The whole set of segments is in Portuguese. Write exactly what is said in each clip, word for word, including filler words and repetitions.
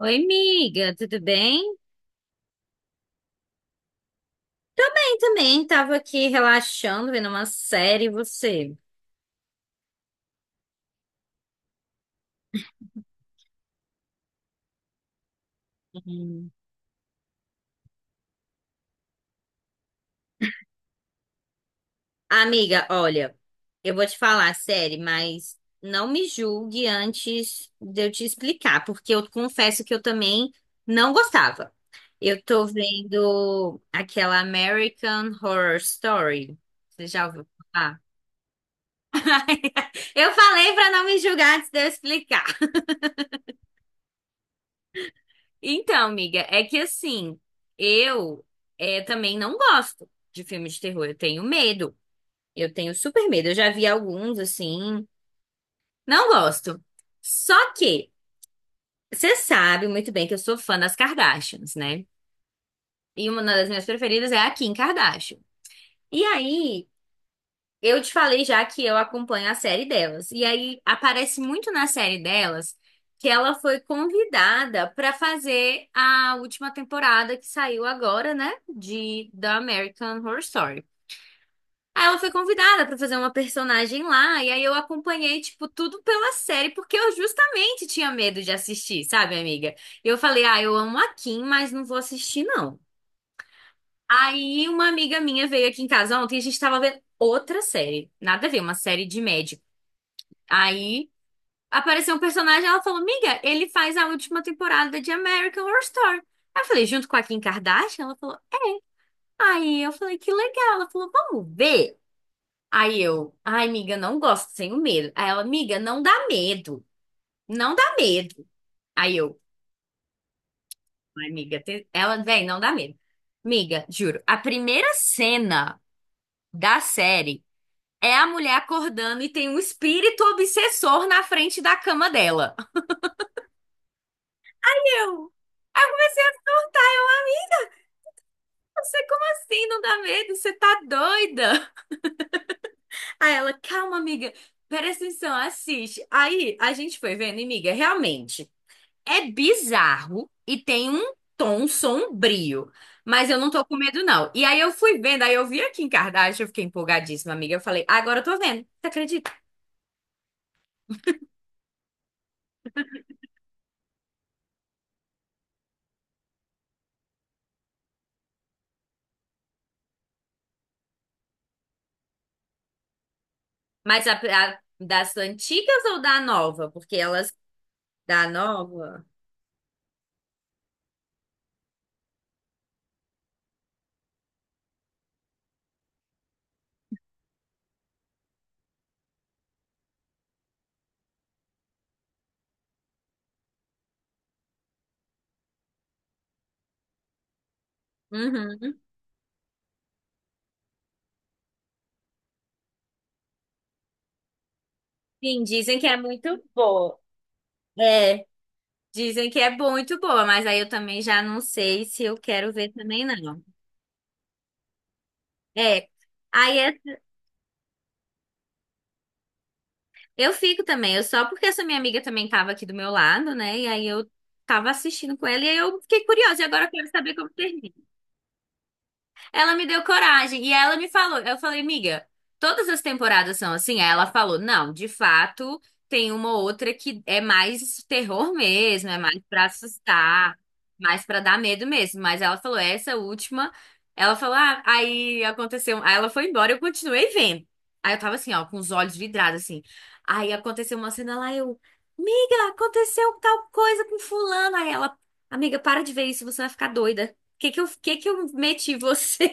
Oi, amiga, tudo bem? Eu também tava aqui relaxando, vendo uma série, e você? Uhum. Amiga, olha, eu vou te falar a série, mas não me julgue antes de eu te explicar, porque eu confesso que eu também não gostava. Eu tô vendo aquela American Horror Story. Você já ouviu falar? Eu falei pra não me julgar antes de eu explicar. Então, amiga, é que assim, eu eh, também não gosto de filmes de terror. Eu tenho medo. Eu tenho super medo. Eu já vi alguns, assim. Não gosto. Só que, você sabe muito bem que eu sou fã das Kardashians, né? E uma das minhas preferidas é a Kim Kardashian. E aí, Eu te falei já que eu acompanho a série delas. E aí aparece muito na série delas que ela foi convidada para fazer a última temporada que saiu agora, né, de The American Horror Story. Aí ela foi convidada para fazer uma personagem lá, e aí eu acompanhei tipo tudo pela série porque eu justamente tinha medo de assistir, sabe, amiga? Eu falei: "Ah, eu amo a Kim, mas não vou assistir não". Aí uma amiga minha veio aqui em casa ontem e a gente tava vendo outra série. Nada a ver, uma série de médicos. Aí apareceu um personagem, ela falou: "Miga, ele faz a última temporada de American Horror Story". Aí eu falei: "Junto com a Kim Kardashian?". Ela falou: "Aí eu falei: "Que legal". Ela falou: "Vamos ver". Aí eu: "Ai, miga, não gosto, tenho medo". Aí ela: "Miga, não dá medo. Não dá medo". Aí eu: "Ai, miga, tem- ela, vem, não dá medo". Miga, juro, a primeira cena da série é a mulher acordando e tem um espírito obsessor na frente da cama dela. Eu. Você, como assim? Não dá medo? Você tá doida? Aí ela, calma, amiga, presta atenção, assiste. Aí a gente foi vendo, e, amiga, realmente é bizarro e tem um tom sombrio, mas eu não tô com medo, não. E aí eu fui vendo, aí eu vi aqui em Kardashian, eu fiquei empolgadíssima, amiga. Eu falei, agora eu tô vendo, você acredita? Mas a, a- das antigas ou da nova? Porque elas, da nova, uhum. Sim, dizem que é muito boa. É. Dizem que é muito boa, mas aí eu também já não sei se eu quero ver também, não. É. Aí é- eu fico também, eu só porque essa minha amiga também tava aqui do meu lado, né? E aí eu tava assistindo com ela e aí eu fiquei curiosa, e agora eu quero saber como termina. Ela me deu coragem e ela me falou, eu falei, miga, todas as temporadas são assim? Aí ela falou, não, de fato, tem uma ou outra que é mais terror mesmo, é mais pra assustar, mais pra dar medo mesmo, mas ela falou essa última, ela falou, ah, aí aconteceu, aí ela foi embora, eu continuei vendo. Aí eu tava assim, ó, com os olhos vidrados assim. Aí aconteceu uma cena lá, eu, miga, aconteceu tal coisa com fulano. Aí ela, amiga, para de ver isso, você vai ficar doida. Que que eu, que que eu meti você?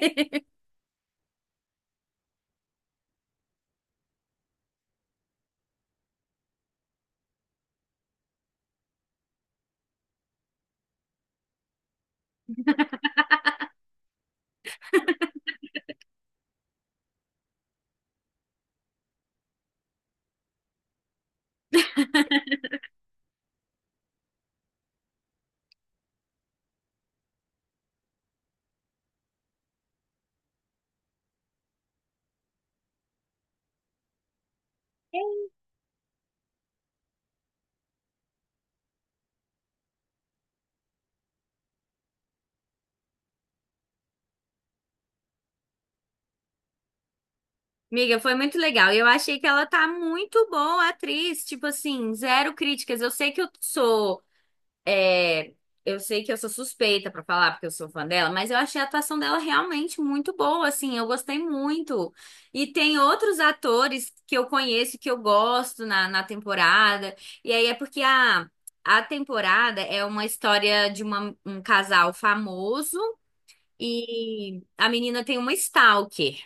Miga, foi muito legal. E Eu achei que ela tá muito boa, atriz. Tipo assim, zero críticas. Eu sei que eu sou. é, eu sei que eu sou suspeita pra falar, porque eu sou fã dela, mas eu achei a atuação dela realmente muito boa, assim. Eu gostei muito. E tem outros atores que eu conheço, que eu gosto na, na temporada. E aí é porque a. a temporada é uma história de uma- um casal famoso e a menina tem uma stalker.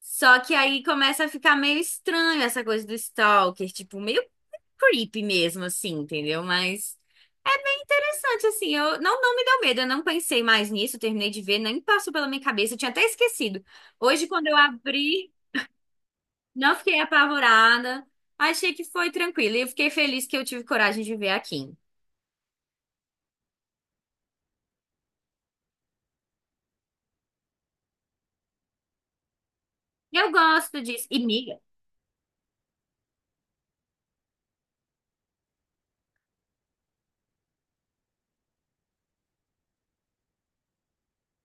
Só que aí começa a ficar meio estranho essa coisa do stalker, tipo, meio creepy mesmo, assim, entendeu? Mas é interessante, assim, eu não, não me deu medo, eu não pensei mais nisso, terminei de ver, nem passou pela minha cabeça, eu tinha até esquecido. Hoje, quando eu abri, não fiquei apavorada, achei que foi tranquilo, e eu fiquei feliz que eu tive coragem de ver aqui. Eu gosto disso. E, miga,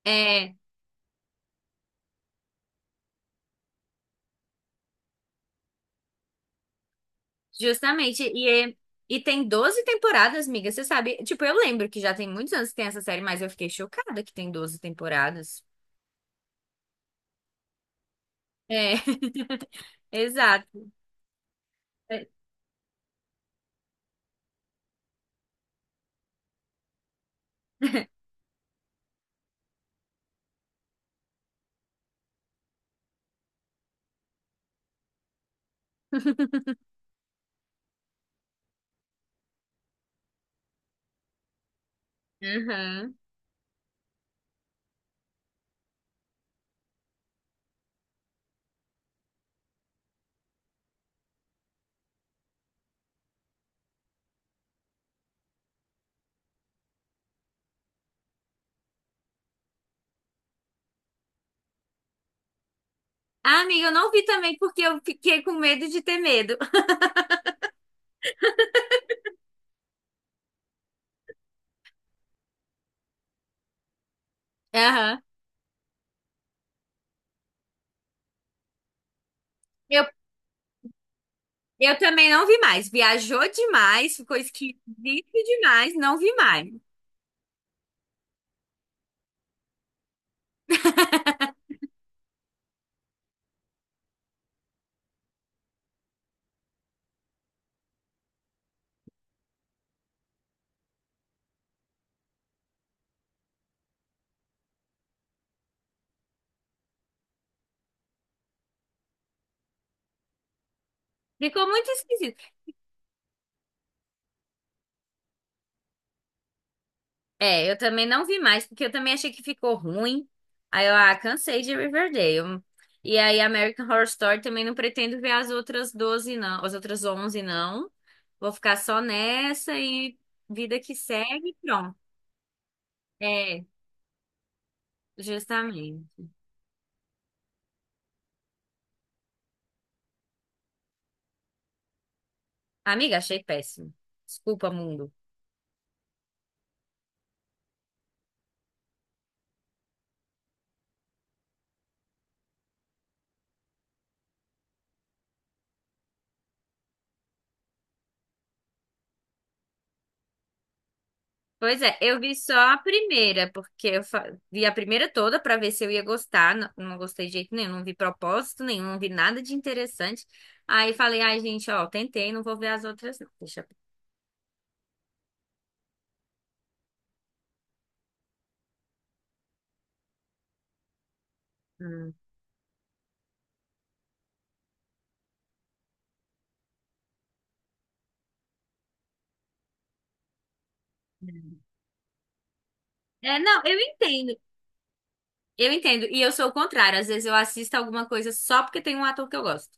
é, justamente, e, é- e tem doze temporadas, amiga, você sabe? Tipo, eu lembro que já tem muitos anos que tem essa série, mas eu fiquei chocada que tem doze temporadas. É, exato. É. Uhum. Ah, amiga, eu não vi também porque eu fiquei com medo de ter medo. Aham. Eu, eu também não vi mais. Viajou demais, ficou esquisito demais, não vi mais. Ficou muito esquisito. É, eu também não vi mais, porque eu também achei que ficou ruim. Aí eu, ah, cansei de Riverdale. E aí American Horror Story também não pretendo ver as outras doze não. As outras onze não. Vou ficar só nessa e vida que segue, pronto. É, justamente. Amiga, achei péssimo. Desculpa, mundo. Pois é, eu vi só a primeira, porque eu fa- vi a primeira toda pra ver se eu ia gostar. Não, não gostei de jeito nenhum, não vi propósito nenhum, não vi nada de interessante. Aí falei, ai, gente, ó, tentei, não vou ver as outras, não. Deixa eu... Hum. É, não, eu entendo, eu entendo. E eu sou o contrário, às vezes eu assisto alguma coisa só porque tem um ator que eu gosto.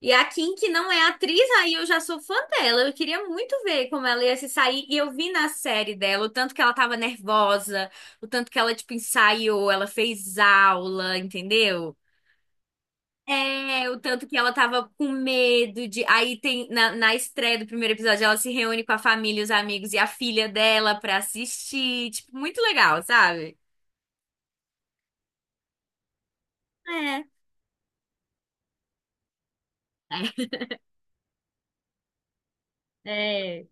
E a Kim, que não é atriz, aí eu já sou fã dela. Eu queria muito ver como ela ia se sair. E eu vi na série dela o tanto que ela tava nervosa, o tanto que ela, tipo, ensaiou, ela fez aula, entendeu? É, o tanto que ela tava com medo de. Aí tem, na, na estreia do primeiro episódio, ela se reúne com a família, os amigos e a filha dela pra assistir. Tipo, muito legal, sabe? É. É.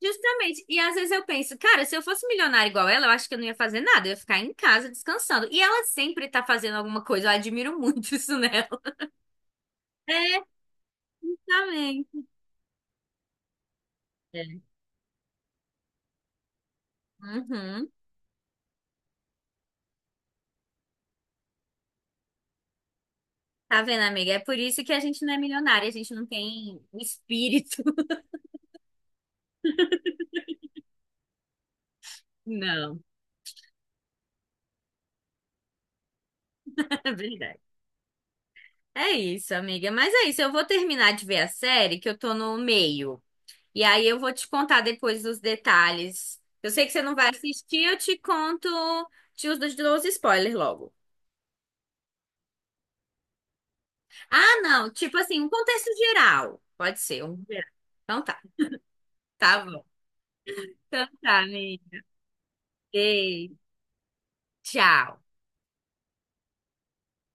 Justamente. E às vezes eu penso, cara, se eu fosse milionária igual ela, eu acho que eu não ia fazer nada, eu ia ficar em casa descansando. E ela sempre tá fazendo alguma coisa, eu admiro muito isso nela. É, justamente. É. Uhum. Tá vendo, amiga? É por isso que a gente não é milionária, a gente não tem o espírito. Não, é verdade. É isso, amiga. Mas é isso, eu vou terminar de ver a série, que eu tô no meio. E aí eu vou te contar depois os detalhes. Eu sei que você não vai assistir, eu te conto, te os dos spoilers logo. Ah, não. Tipo assim, um contexto geral. Pode ser, um geral. Então tá. Tá bom. Então tá, amiga. Beijo. Tchau.